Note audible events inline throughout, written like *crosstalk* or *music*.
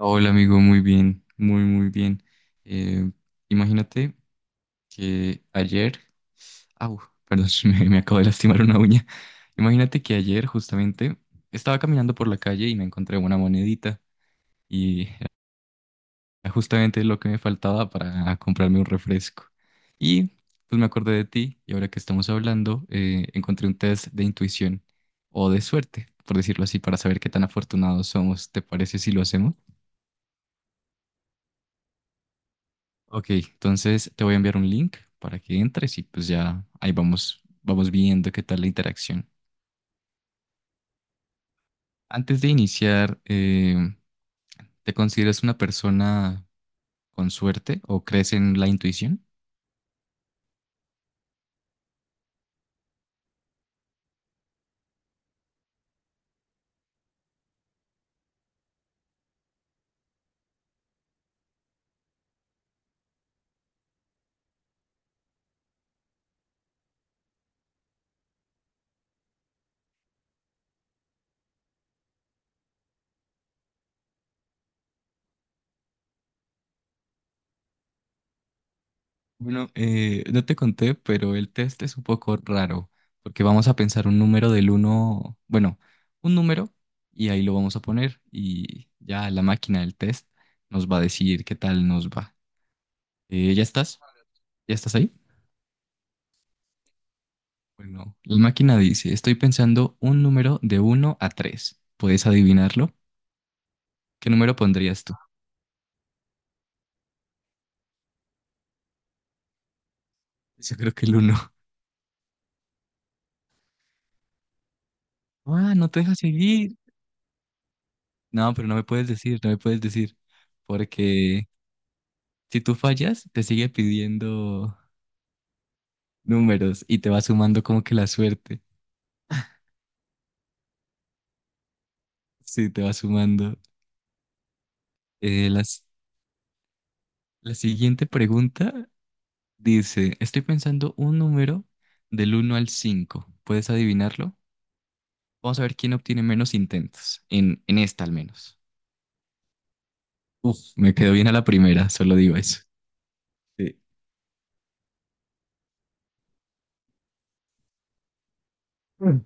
Hola amigo, muy bien, muy muy bien. Eh, Imagínate que ayer, au, perdón, *laughs* me acabo de lastimar una uña. Imagínate que ayer justamente estaba caminando por la calle y me encontré una monedita y era justamente lo que me faltaba para comprarme un refresco. Y pues me acordé de ti y ahora que estamos hablando, encontré un test de intuición o de suerte, por decirlo así, para saber qué tan afortunados somos. ¿Te parece si lo hacemos? Ok, entonces te voy a enviar un link para que entres y pues ya ahí vamos, vamos viendo qué tal la interacción. Antes de iniciar, ¿te consideras una persona con suerte o crees en la intuición? Bueno, no te conté, pero el test es un poco raro porque vamos a pensar un número del uno, bueno, un número y ahí lo vamos a poner y ya la máquina del test nos va a decir qué tal nos va. ¿Ya estás? ¿Ya estás ahí? Bueno, la máquina dice, estoy pensando un número de uno a 3. ¿Puedes adivinarlo? ¿Qué número pondrías tú? Yo creo que el uno. Ah, no te deja seguir. No, pero no me puedes decir, no me puedes decir. Porque si tú fallas, te sigue pidiendo números y te va sumando como que la suerte. Sí, te va sumando. Eh, las, la siguiente pregunta dice, estoy pensando un número del uno al 5. ¿Puedes adivinarlo? Vamos a ver quién obtiene menos intentos, en esta al menos. Uf, me quedó bien a la primera, solo digo eso. Sí. Mm.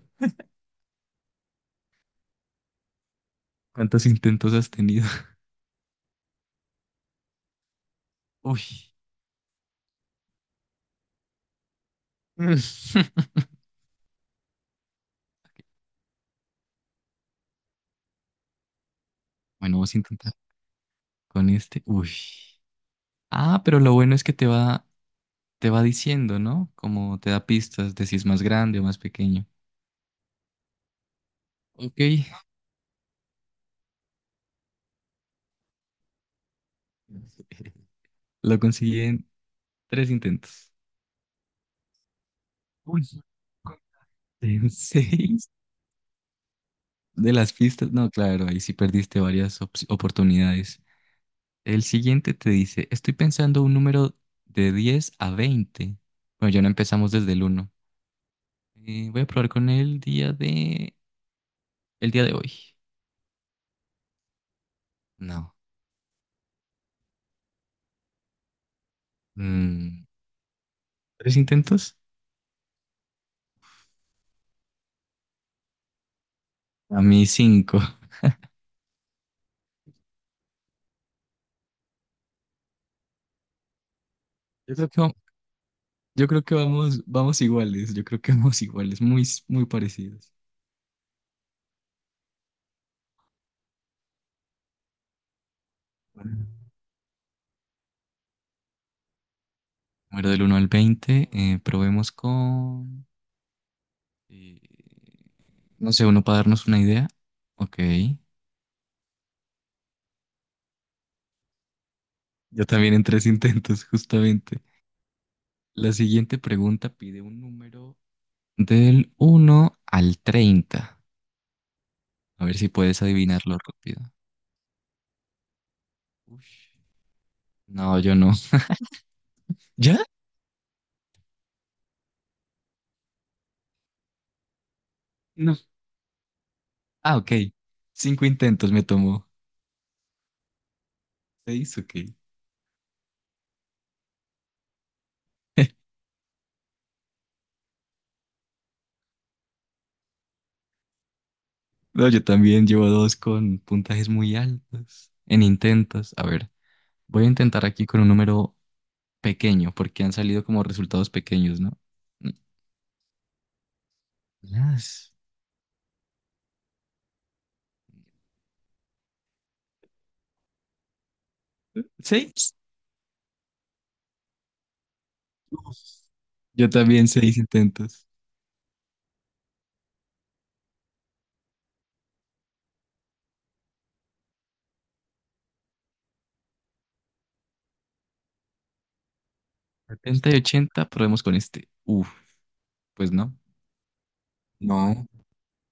¿Cuántos intentos has tenido? *laughs* Uy. Mm. *laughs* Bueno, vamos a intentar con este. Uy. Ah, pero lo bueno es que te va diciendo, ¿no? Como te da pistas de si es más grande o más pequeño. Ok. *laughs* Lo conseguí en tres intentos. Uy. *laughs* En seis de las pistas. No, claro, ahí sí perdiste varias oportunidades. El siguiente te dice, estoy pensando un número de 10 a 20. Bueno, ya no empezamos desde el uno. Voy a probar con el día de hoy. No. Mm, ¿tres intentos? A mí cinco. Yo creo que, yo creo que vamos, vamos iguales, yo creo que vamos iguales, muy, muy parecidos. Bueno. Número del uno al 20. Probemos con... eh, no sé, uno para darnos una idea. Ok. Yo también en tres intentos, justamente. La siguiente pregunta pide un número del uno al 30. A ver si puedes adivinarlo rápido. Ush. No, yo no. *laughs* ¿Ya? No. Ah, ok. Cinco intentos me tomó. Seis, ok. *laughs* No, yo también llevo dos con puntajes muy altos en intentos. A ver, voy a intentar aquí con un número pequeño porque han salido como resultados pequeños, ¿no? Mm, Las... Seis. Uf. Yo también seis intentos. 70 y 80, probemos con este. Uf, pues no. No.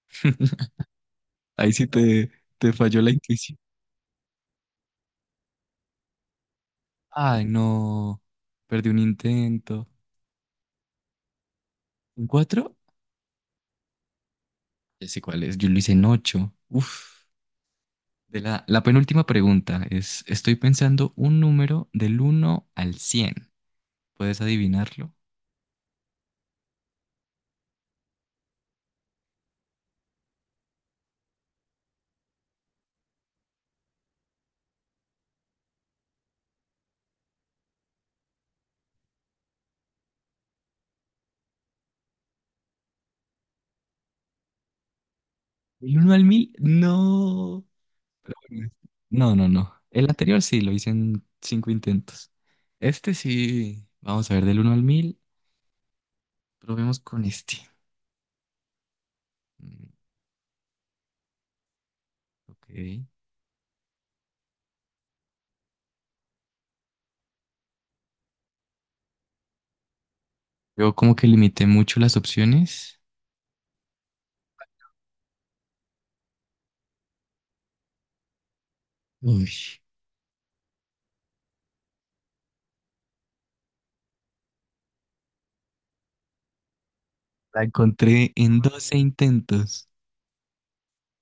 *laughs* Ahí sí te, te falló la intuición. Ay, no. Perdí un intento. ¿En cuatro? Ya sé cuál es. Yo lo hice en ocho. Uf. De la penúltima pregunta es, estoy pensando un número del uno al 100. ¿Puedes adivinarlo? ¿Del uno al mil? No. Pero bueno, No, no, no. El anterior sí, lo hice en cinco intentos. Este sí. Vamos a ver, del uno al 1000. Probemos con este. Mm, Ok. Yo como que limité mucho las opciones. Uy, la encontré en 12 intentos.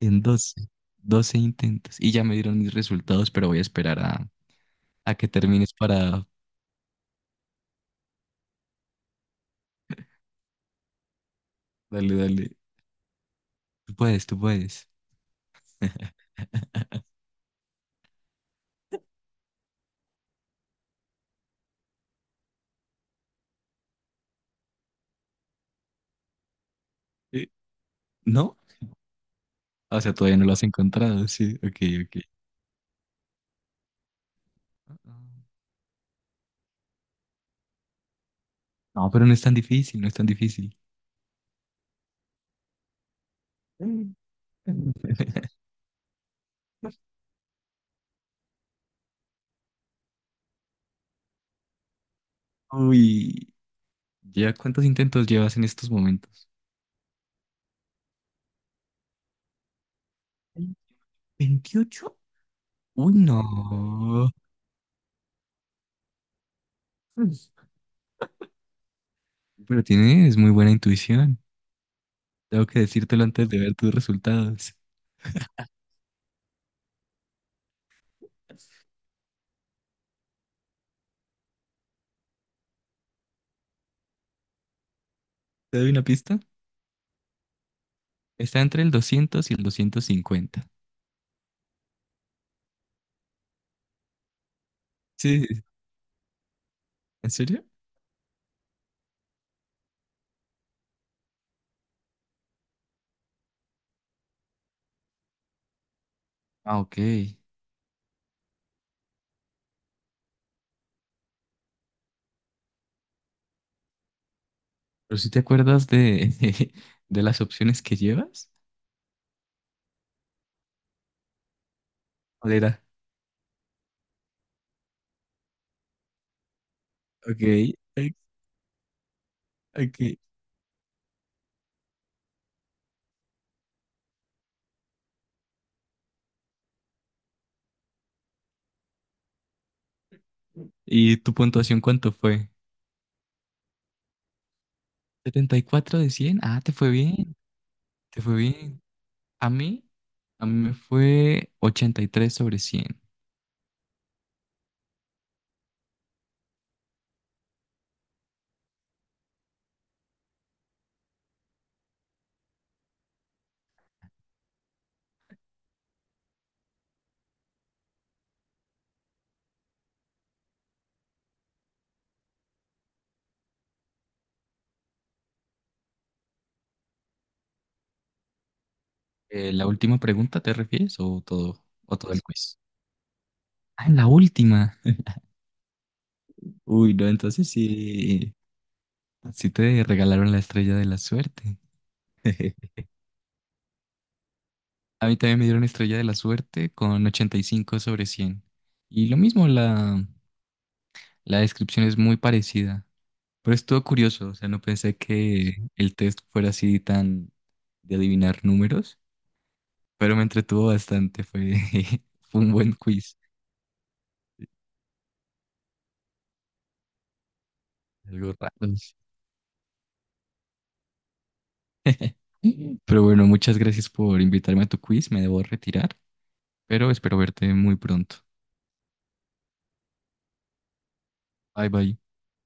En 12, 12 intentos. Y ya me dieron mis resultados, pero voy a esperar a que termines para... Dale, dale. Tú puedes, tú puedes. *laughs* Eh, ¿no? O sea, todavía no lo has encontrado. Sí, ok, ok. No, pero no es tan difícil, no es tan difícil. *laughs* Uy, ¿ya cuántos intentos llevas en estos momentos? Veintiocho, uy, no. Pues, pero tienes muy buena intuición. Tengo que decírtelo antes de ver tus resultados. ¿Te doy una pista? Está entre el 200 y el 250. Sí, ¿en serio? Ah, ok. Pero ¿si te acuerdas de, *laughs* de las opciones que llevas? ¿Cuál era? Ok, ok, ok. ¿Y tu puntuación cuánto fue? 74 de 100. Ah, te fue bien, te fue bien. A mí, a mí me fue 83 sobre 100. ¿La última pregunta te refieres o todo el quiz? Ah, en la última. *laughs* Uy, no, entonces sí, sí te regalaron la estrella de la suerte. *laughs* A mí también me dieron estrella de la suerte con 85 sobre 100. Y lo mismo, la descripción es muy parecida. Pero estuvo curioso, o sea, no pensé que el test fuera así tan de adivinar números, pero me entretuvo bastante, fue, *laughs* fue un buen quiz, algo raro. Pero bueno, muchas gracias por invitarme a tu quiz. Me debo retirar, pero espero verte muy pronto. Bye bye.